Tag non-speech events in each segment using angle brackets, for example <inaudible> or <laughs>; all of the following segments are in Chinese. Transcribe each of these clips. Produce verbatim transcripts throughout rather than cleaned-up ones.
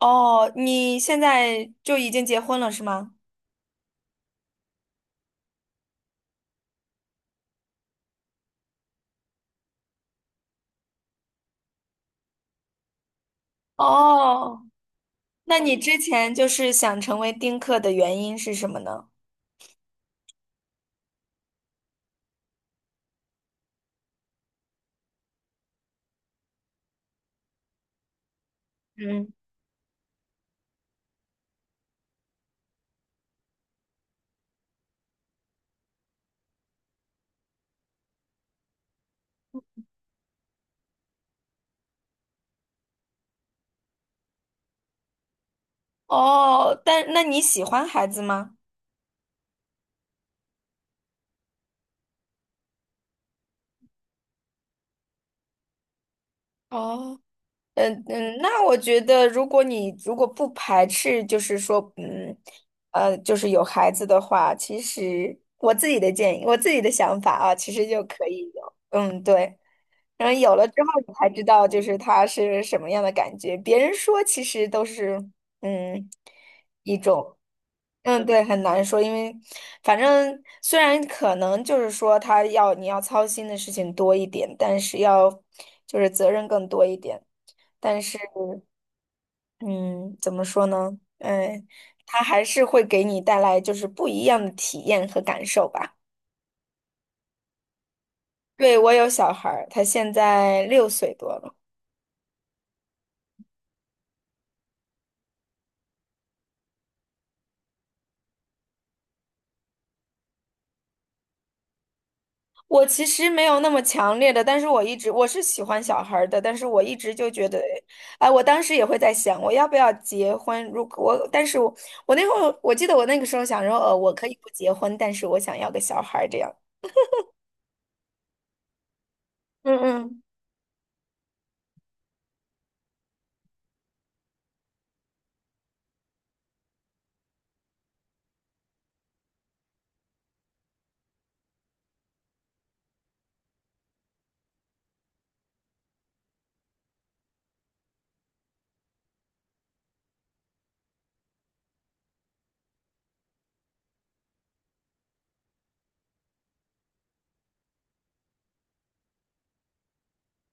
哦，你现在就已经结婚了是吗？哦，那你嗯之前就是想成为丁克的原因是什么呢？嗯。哦，但那你喜欢孩子吗？哦，嗯嗯，那我觉得，如果你如果不排斥，就是说，嗯，呃，就是有孩子的话，其实我自己的建议，我自己的想法啊，其实就可以有，嗯，对。然后有了之后，你才知道就是他是什么样的感觉。别人说其实都是，嗯，一种。嗯，对，很难说，因为反正虽然可能就是说他要你要操心的事情多一点，但是要就是责任更多一点。但是，嗯，怎么说呢？嗯，他还是会给你带来就是不一样的体验和感受吧。对，我有小孩儿，他现在六岁多了。我其实没有那么强烈的，但是我一直我是喜欢小孩儿的，但是我一直就觉得，哎，我当时也会在想，我要不要结婚？如果我，但是我我那会儿我记得我那个时候想说，呃，我可以不结婚，但是我想要个小孩儿这样。嗯嗯。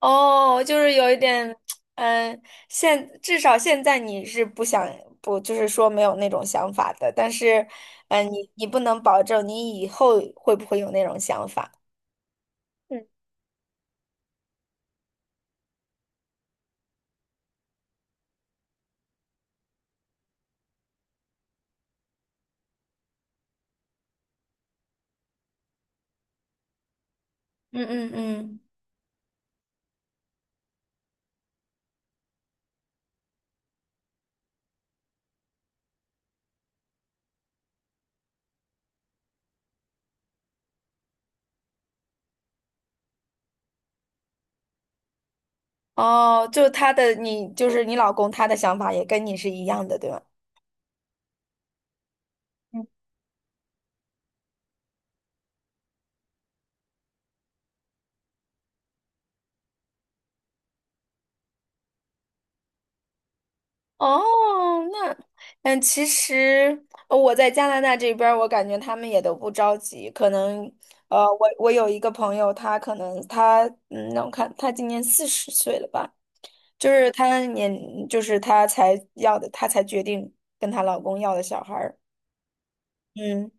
哦，就是有一点。嗯，现至少现在你是不想，不，就是说没有那种想法的，但是。嗯，你你不能保证你以后会不会有那种想法。嗯。嗯嗯嗯。哦，就他的你，就是你老公，他的想法也跟你是一样的，对吧？哦，那，嗯，其实呃我在加拿大这边儿我感觉他们也都不着急。可能，呃，我我有一个朋友，他可能他，嗯，让我看，他今年四十岁了吧？就是他年，就是他才要的，他才决定跟她老公要的小孩儿。嗯。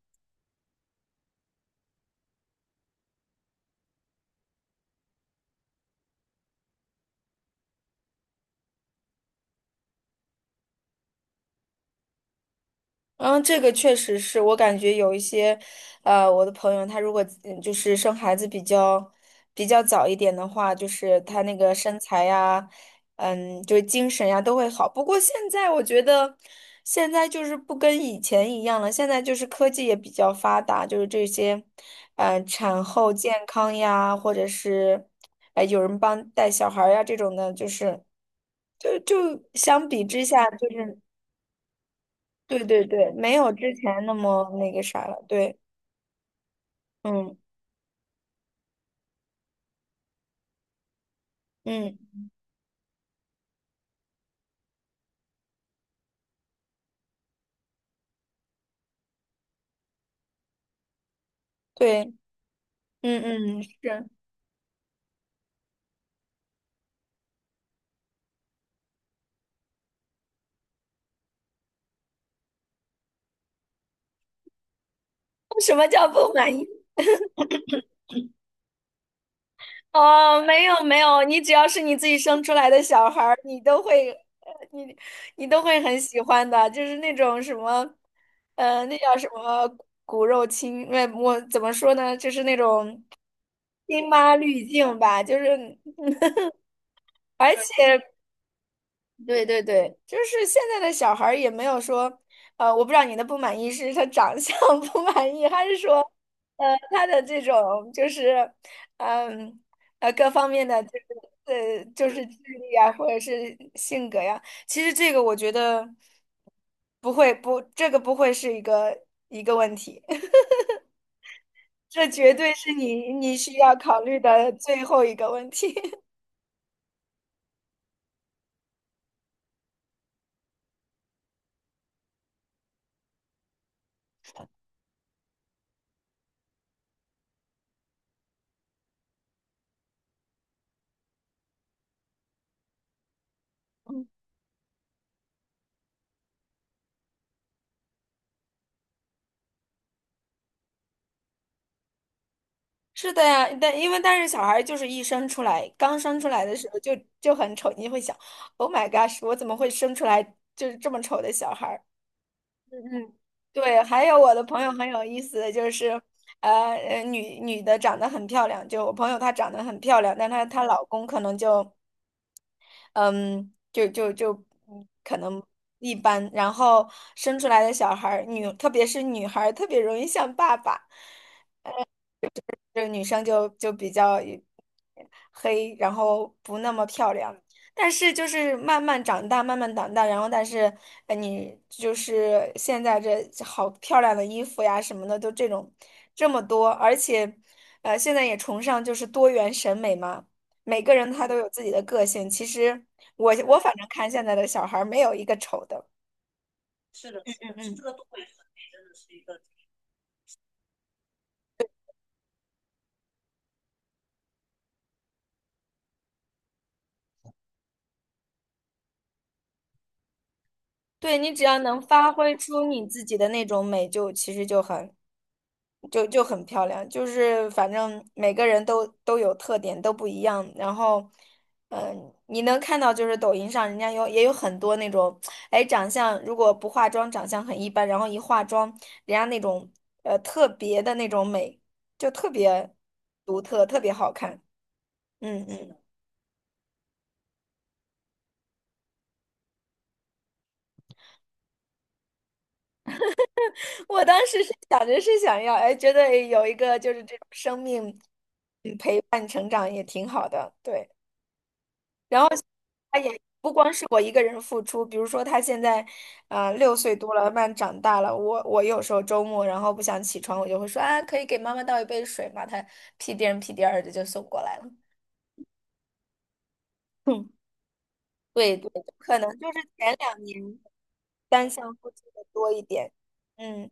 嗯，这个确实是我感觉有一些。呃，我的朋友他如果嗯就是生孩子比较比较早一点的话，就是他那个身材呀，嗯，就是精神呀都会好。不过现在我觉得，现在就是不跟以前一样了，现在就是科技也比较发达，就是这些，嗯、产后健康呀，或者是，哎、有人帮带小孩儿呀这种的，就是，就就相比之下就是。对对对，没有之前那么那个啥了。对，嗯嗯，对，嗯嗯，是。什么叫不满意？哦，没有没有，你只要是你自己生出来的小孩儿，你都会，呃你你都会很喜欢的，就是那种什么，呃，那叫什么骨肉亲，呃，我怎么说呢？就是那种亲妈滤镜吧。就是，而且对对对，就是现在的小孩儿也没有说，呃，我不知道你的不满意是他长相 <laughs> 不满意，还是说，呃，他的这种就是，嗯，呃，各方面的就是，呃，就是智力啊，或者是性格呀，其实这个我觉得不会，不，这个不会是一个一个问题。<laughs> 这绝对是你你需要考虑的最后一个问题。<laughs> 是的呀，但因为但是小孩儿就是一生出来，刚生出来的时候就就很丑，你会想，Oh my gosh，我怎么会生出来就是这么丑的小孩儿？嗯嗯，对，还有我的朋友很有意思的就是，呃，呃女女的长得很漂亮，就我朋友她长得很漂亮，但她她老公可能就，嗯，就就就嗯可能一般，然后生出来的小孩儿，女特别是女孩儿特别容易像爸爸，这个女生就就比较黑，然后不那么漂亮。但是就是慢慢长大，慢慢长大，然后，但是，呃你就是现在这好漂亮的衣服呀什么的，都这种这么多。而且，呃，现在也崇尚就是多元审美嘛，每个人他都有自己的个性。其实我我反正看现在的小孩儿没有一个丑的。嗯嗯，对，你只要能发挥出你自己的那种美，就，其实就很就就很漂亮，就是反正每个人都都有特点，都不一样。然后，嗯、你能看到就是抖音上人家有也有很多那种，哎，长相如果不化妆长相很一般，然后一化妆，人家那种呃特别的那种美，就特别独特，特别好看。嗯嗯，我当时是想着是想要，哎，觉得有一个就是这种生命陪伴成长也挺好的。对，他也不光是我一个人付出，比如说他现在，啊，六岁多了，慢慢长大了。我我有时候周末然后不想起床，我就会说啊，可以给妈妈倒一杯水吗？他屁颠儿屁颠儿的就送过来了。<laughs> 哼。对对，可能就是前两年单向付出的多一点。嗯。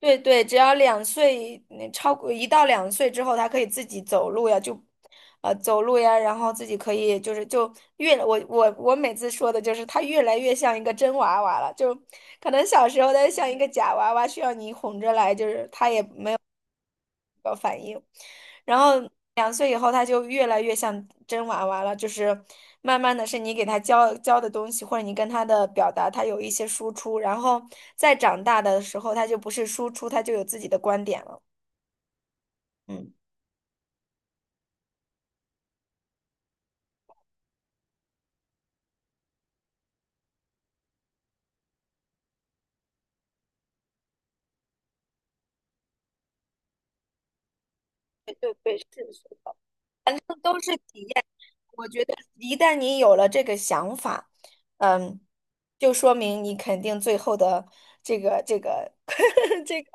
对对，只要两岁，嗯超过一到两岁之后，他可以自己走路呀，就，呃，走路呀，然后自己可以就是就越我我我每次说的就是他越来越像一个真娃娃了，就可能小时候他像一个假娃娃，需要你哄着来，就是他也没有你，然后两岁以后他就越来越像真娃娃了，就是慢慢的是你给他教教的东西，或者你跟他的表达，他有一些输出，然后再长大的时候，他就不是输出，他就有自己的观点了。嗯，对对，对，是的是，反正都是体验。我觉得一旦你有了这个想法，嗯，就说明你肯定最后的这个这个 <laughs> 这个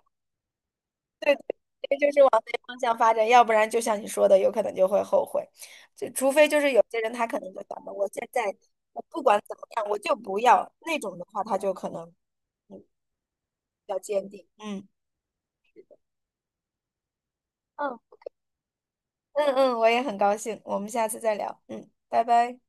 就是往那方向发展，要不然就像你说的，有可能就会后悔。就除非就是有些人他可能就想着我现在我不管怎么样，我就不要那种的话，他就可能嗯比较坚定。嗯嗯嗯嗯，我也很高兴，我们下次再聊。嗯，拜拜。